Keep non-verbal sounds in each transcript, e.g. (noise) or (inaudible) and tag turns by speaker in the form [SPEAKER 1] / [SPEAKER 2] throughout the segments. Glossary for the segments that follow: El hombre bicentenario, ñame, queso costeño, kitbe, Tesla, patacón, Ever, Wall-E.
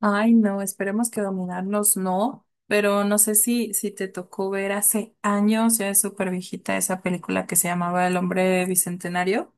[SPEAKER 1] Ay, no, esperemos que dominarnos no, pero no sé si te tocó ver hace años, ya es súper viejita esa película que se llamaba El hombre bicentenario.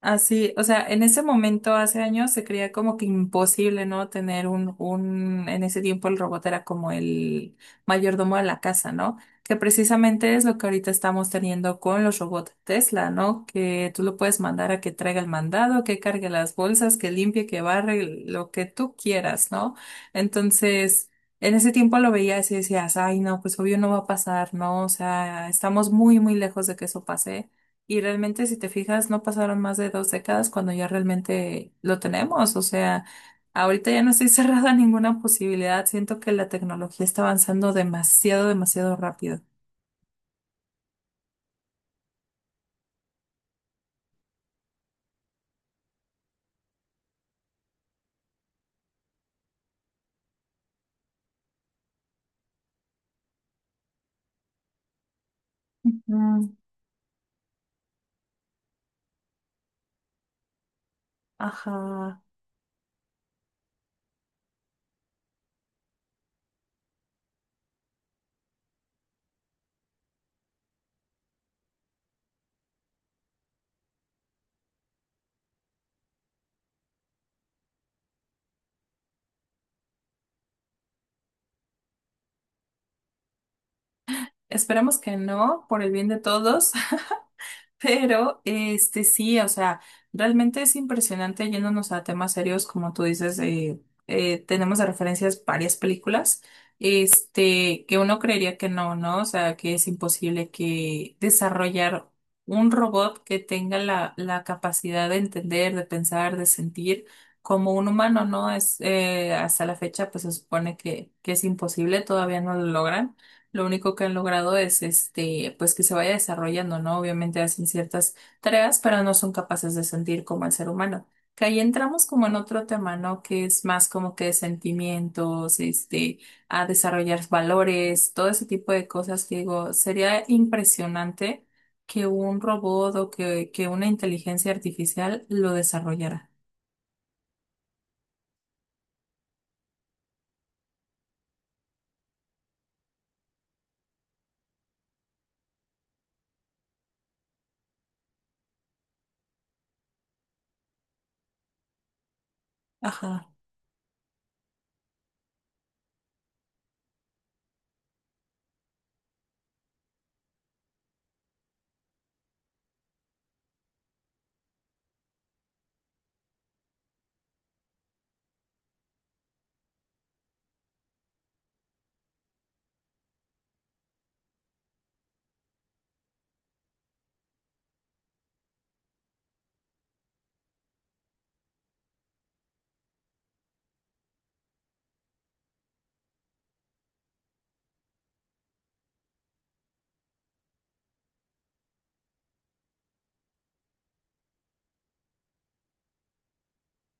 [SPEAKER 1] Así, o sea, en ese momento, hace años, se creía como que imposible, ¿no? Tener en ese tiempo el robot era como el mayordomo de la casa, ¿no? Que precisamente es lo que ahorita estamos teniendo con los robots Tesla, ¿no? Que tú lo puedes mandar a que traiga el mandado, que cargue las bolsas, que limpie, que barre, lo que tú quieras, ¿no? Entonces, en ese tiempo lo veías y decías, ay, no, pues obvio no va a pasar, ¿no? O sea, estamos muy, muy lejos de que eso pase. Y realmente, si te fijas, no pasaron más de dos décadas cuando ya realmente lo tenemos. O sea, ahorita ya no estoy (laughs) cerrada a ninguna posibilidad. Siento que la tecnología está avanzando demasiado, demasiado rápido. Ujú. Ajá. Esperemos que no, por el bien de todos. (laughs) Pero, este, sí, o sea, realmente es impresionante yéndonos a temas serios, como tú dices, tenemos de referencias varias películas, este, que uno creería que no, ¿no? O sea, que es imposible que desarrollar un robot que tenga la capacidad de entender, de pensar, de sentir como un humano, ¿no? Es, hasta la fecha, pues se supone que es imposible, todavía no lo logran. Lo único que han logrado es este, pues que se vaya desarrollando, ¿no? Obviamente hacen ciertas tareas, pero no son capaces de sentir como el ser humano. Que ahí entramos como en otro tema, ¿no? Que es más como que sentimientos, este, a desarrollar valores, todo ese tipo de cosas que digo, sería impresionante que un robot o que una inteligencia artificial lo desarrollara. Ajá.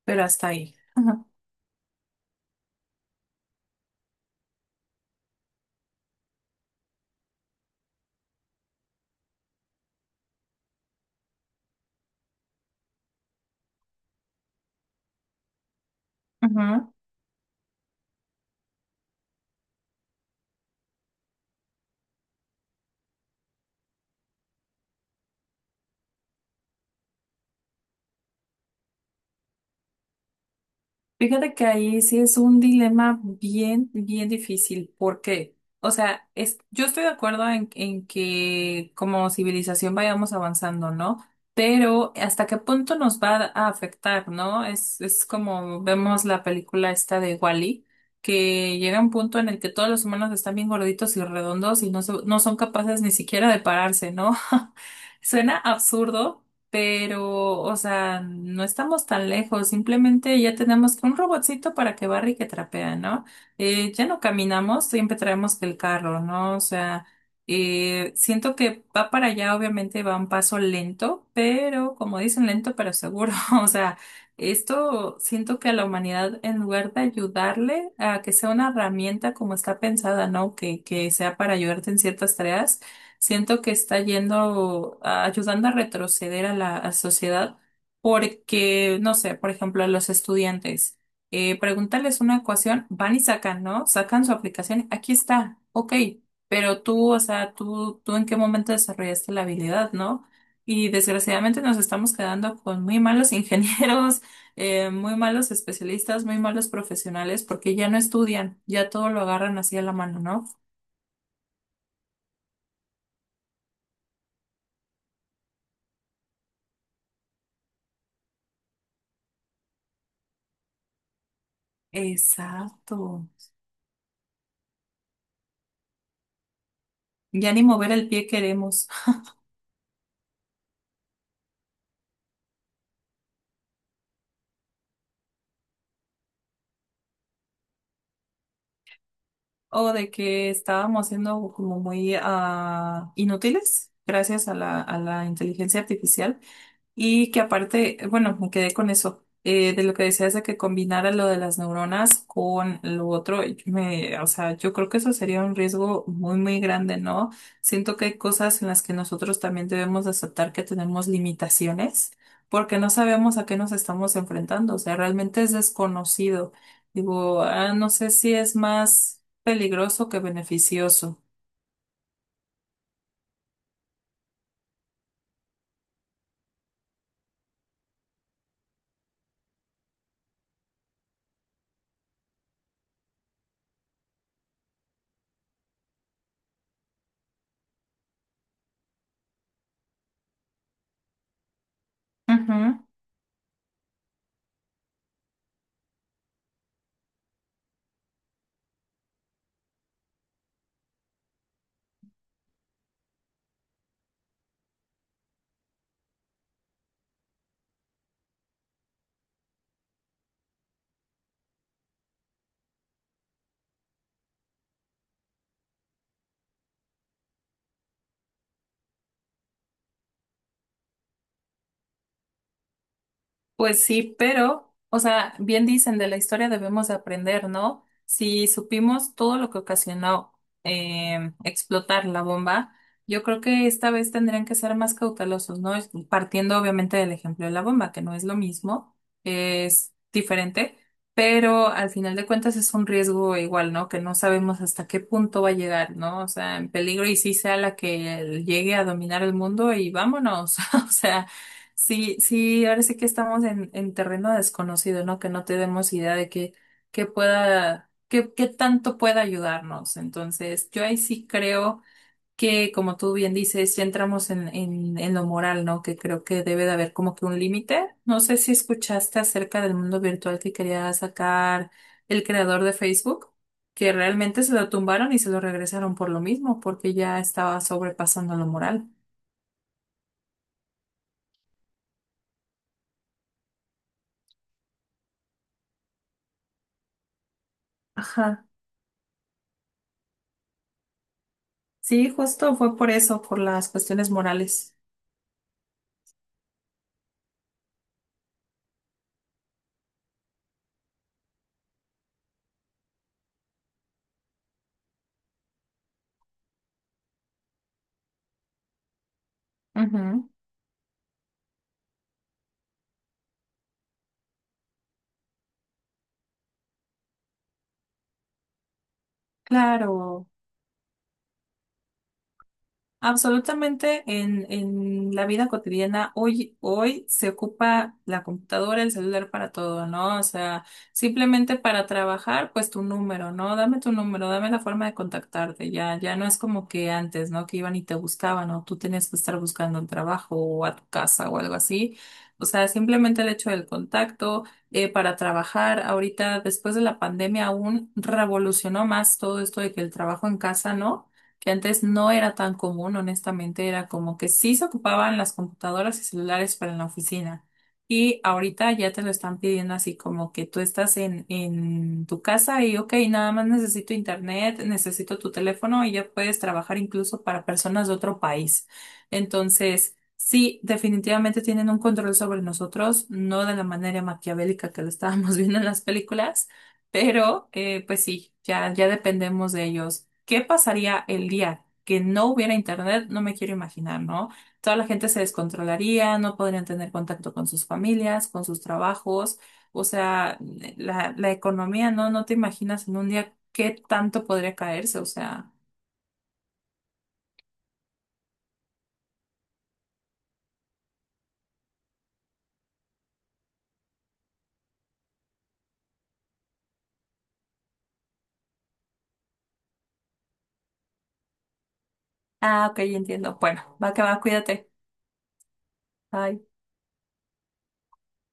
[SPEAKER 1] Pero hasta ahí. Ajá. Ujú. Fíjate que ahí sí es un dilema bien, bien difícil. ¿Por qué? O sea, es, yo estoy de acuerdo en que como civilización vayamos avanzando, ¿no? Pero ¿hasta qué punto nos va a afectar, ¿no? Es como vemos la película esta de Wall-E, que llega un punto en el que todos los humanos están bien gorditos y redondos y no, no son capaces ni siquiera de pararse, ¿no? (laughs) Suena absurdo pero, o sea, no estamos tan lejos, simplemente ya tenemos un robotcito para que barre y que trapea, ¿no? Ya no caminamos, siempre traemos el carro, ¿no? O sea, siento que va para allá, obviamente va un paso lento, pero como dicen, lento pero seguro, (laughs) o sea, esto siento que a la humanidad, en lugar de ayudarle a que sea una herramienta como está pensada, ¿no? Que sea para ayudarte en ciertas tareas. Siento que está yendo, ayudando a retroceder a la a sociedad porque, no sé, por ejemplo, a los estudiantes, preguntarles una ecuación, van y sacan, ¿no? Sacan su aplicación, aquí está, ok, pero tú, o sea, tú en qué momento desarrollaste la habilidad, ¿no? Y desgraciadamente nos estamos quedando con muy malos ingenieros, (laughs) muy malos especialistas, muy malos profesionales porque ya no estudian, ya todo lo agarran así a la mano, ¿no? Exacto. Ya ni mover el pie queremos. O de que estábamos siendo como muy inútiles gracias a la inteligencia artificial. Y que aparte, bueno, me quedé con eso, de lo que decías de que combinara lo de las neuronas con lo otro, y me, o sea, yo creo que eso sería un riesgo muy, muy grande, ¿no? Siento que hay cosas en las que nosotros también debemos de aceptar que tenemos limitaciones, porque no sabemos a qué nos estamos enfrentando, o sea, realmente es desconocido. Digo, no sé si es más peligroso que beneficioso. Ujú. Pues sí, pero, o sea, bien dicen, de la historia debemos de aprender, ¿no? Si supimos todo lo que ocasionó explotar la bomba, yo creo que esta vez tendrían que ser más cautelosos, ¿no? Partiendo obviamente del ejemplo de la bomba, que no es lo mismo, es diferente, pero al final de cuentas es un riesgo igual, ¿no? Que no sabemos hasta qué punto va a llegar, ¿no? O sea, en peligro y sí sea la que llegue a dominar el mundo y vámonos, (laughs) o sea. Sí, ahora sí que estamos en terreno desconocido, ¿no? Que no tenemos idea de qué, qué pueda, qué, qué tanto pueda ayudarnos. Entonces, yo ahí sí creo que, como tú bien dices, ya entramos en lo moral, ¿no? Que creo que debe de haber como que un límite. No sé si escuchaste acerca del mundo virtual que quería sacar el creador de Facebook, que realmente se lo tumbaron y se lo regresaron por lo mismo, porque ya estaba sobrepasando lo moral. Ajá. Sí, justo fue por eso, por las cuestiones morales. Ujú. Claro. Absolutamente en la vida cotidiana, hoy se ocupa la computadora, el celular para todo, ¿no? O sea, simplemente para trabajar, pues tu número, ¿no? Dame tu número, dame la forma de contactarte, ya no es como que antes, ¿no? Que iban y te buscaban, o tú tenías que estar buscando un trabajo o a tu casa o algo así. O sea, simplemente el hecho del contacto para trabajar ahorita, después de la pandemia, aún revolucionó más todo esto de que el trabajo en casa, ¿no? Que antes no era tan común, honestamente, era como que sí se ocupaban las computadoras y celulares para la oficina. Y ahorita ya te lo están pidiendo así como que tú estás en tu casa y, ok, nada más necesito internet, necesito tu teléfono y ya puedes trabajar incluso para personas de otro país. Entonces, sí, definitivamente tienen un control sobre nosotros, no de la manera maquiavélica que lo estábamos (laughs) viendo en las películas pero, pues sí, ya dependemos de ellos. ¿Qué pasaría el día que no hubiera internet? No me quiero imaginar, ¿no? Toda la gente se descontrolaría, no podrían tener contacto con sus familias, con sus trabajos. O sea, la economía, ¿no? No te imaginas en un día qué tanto podría caerse. O sea, ok, entiendo. Bueno, va que va, cuídate. Bye.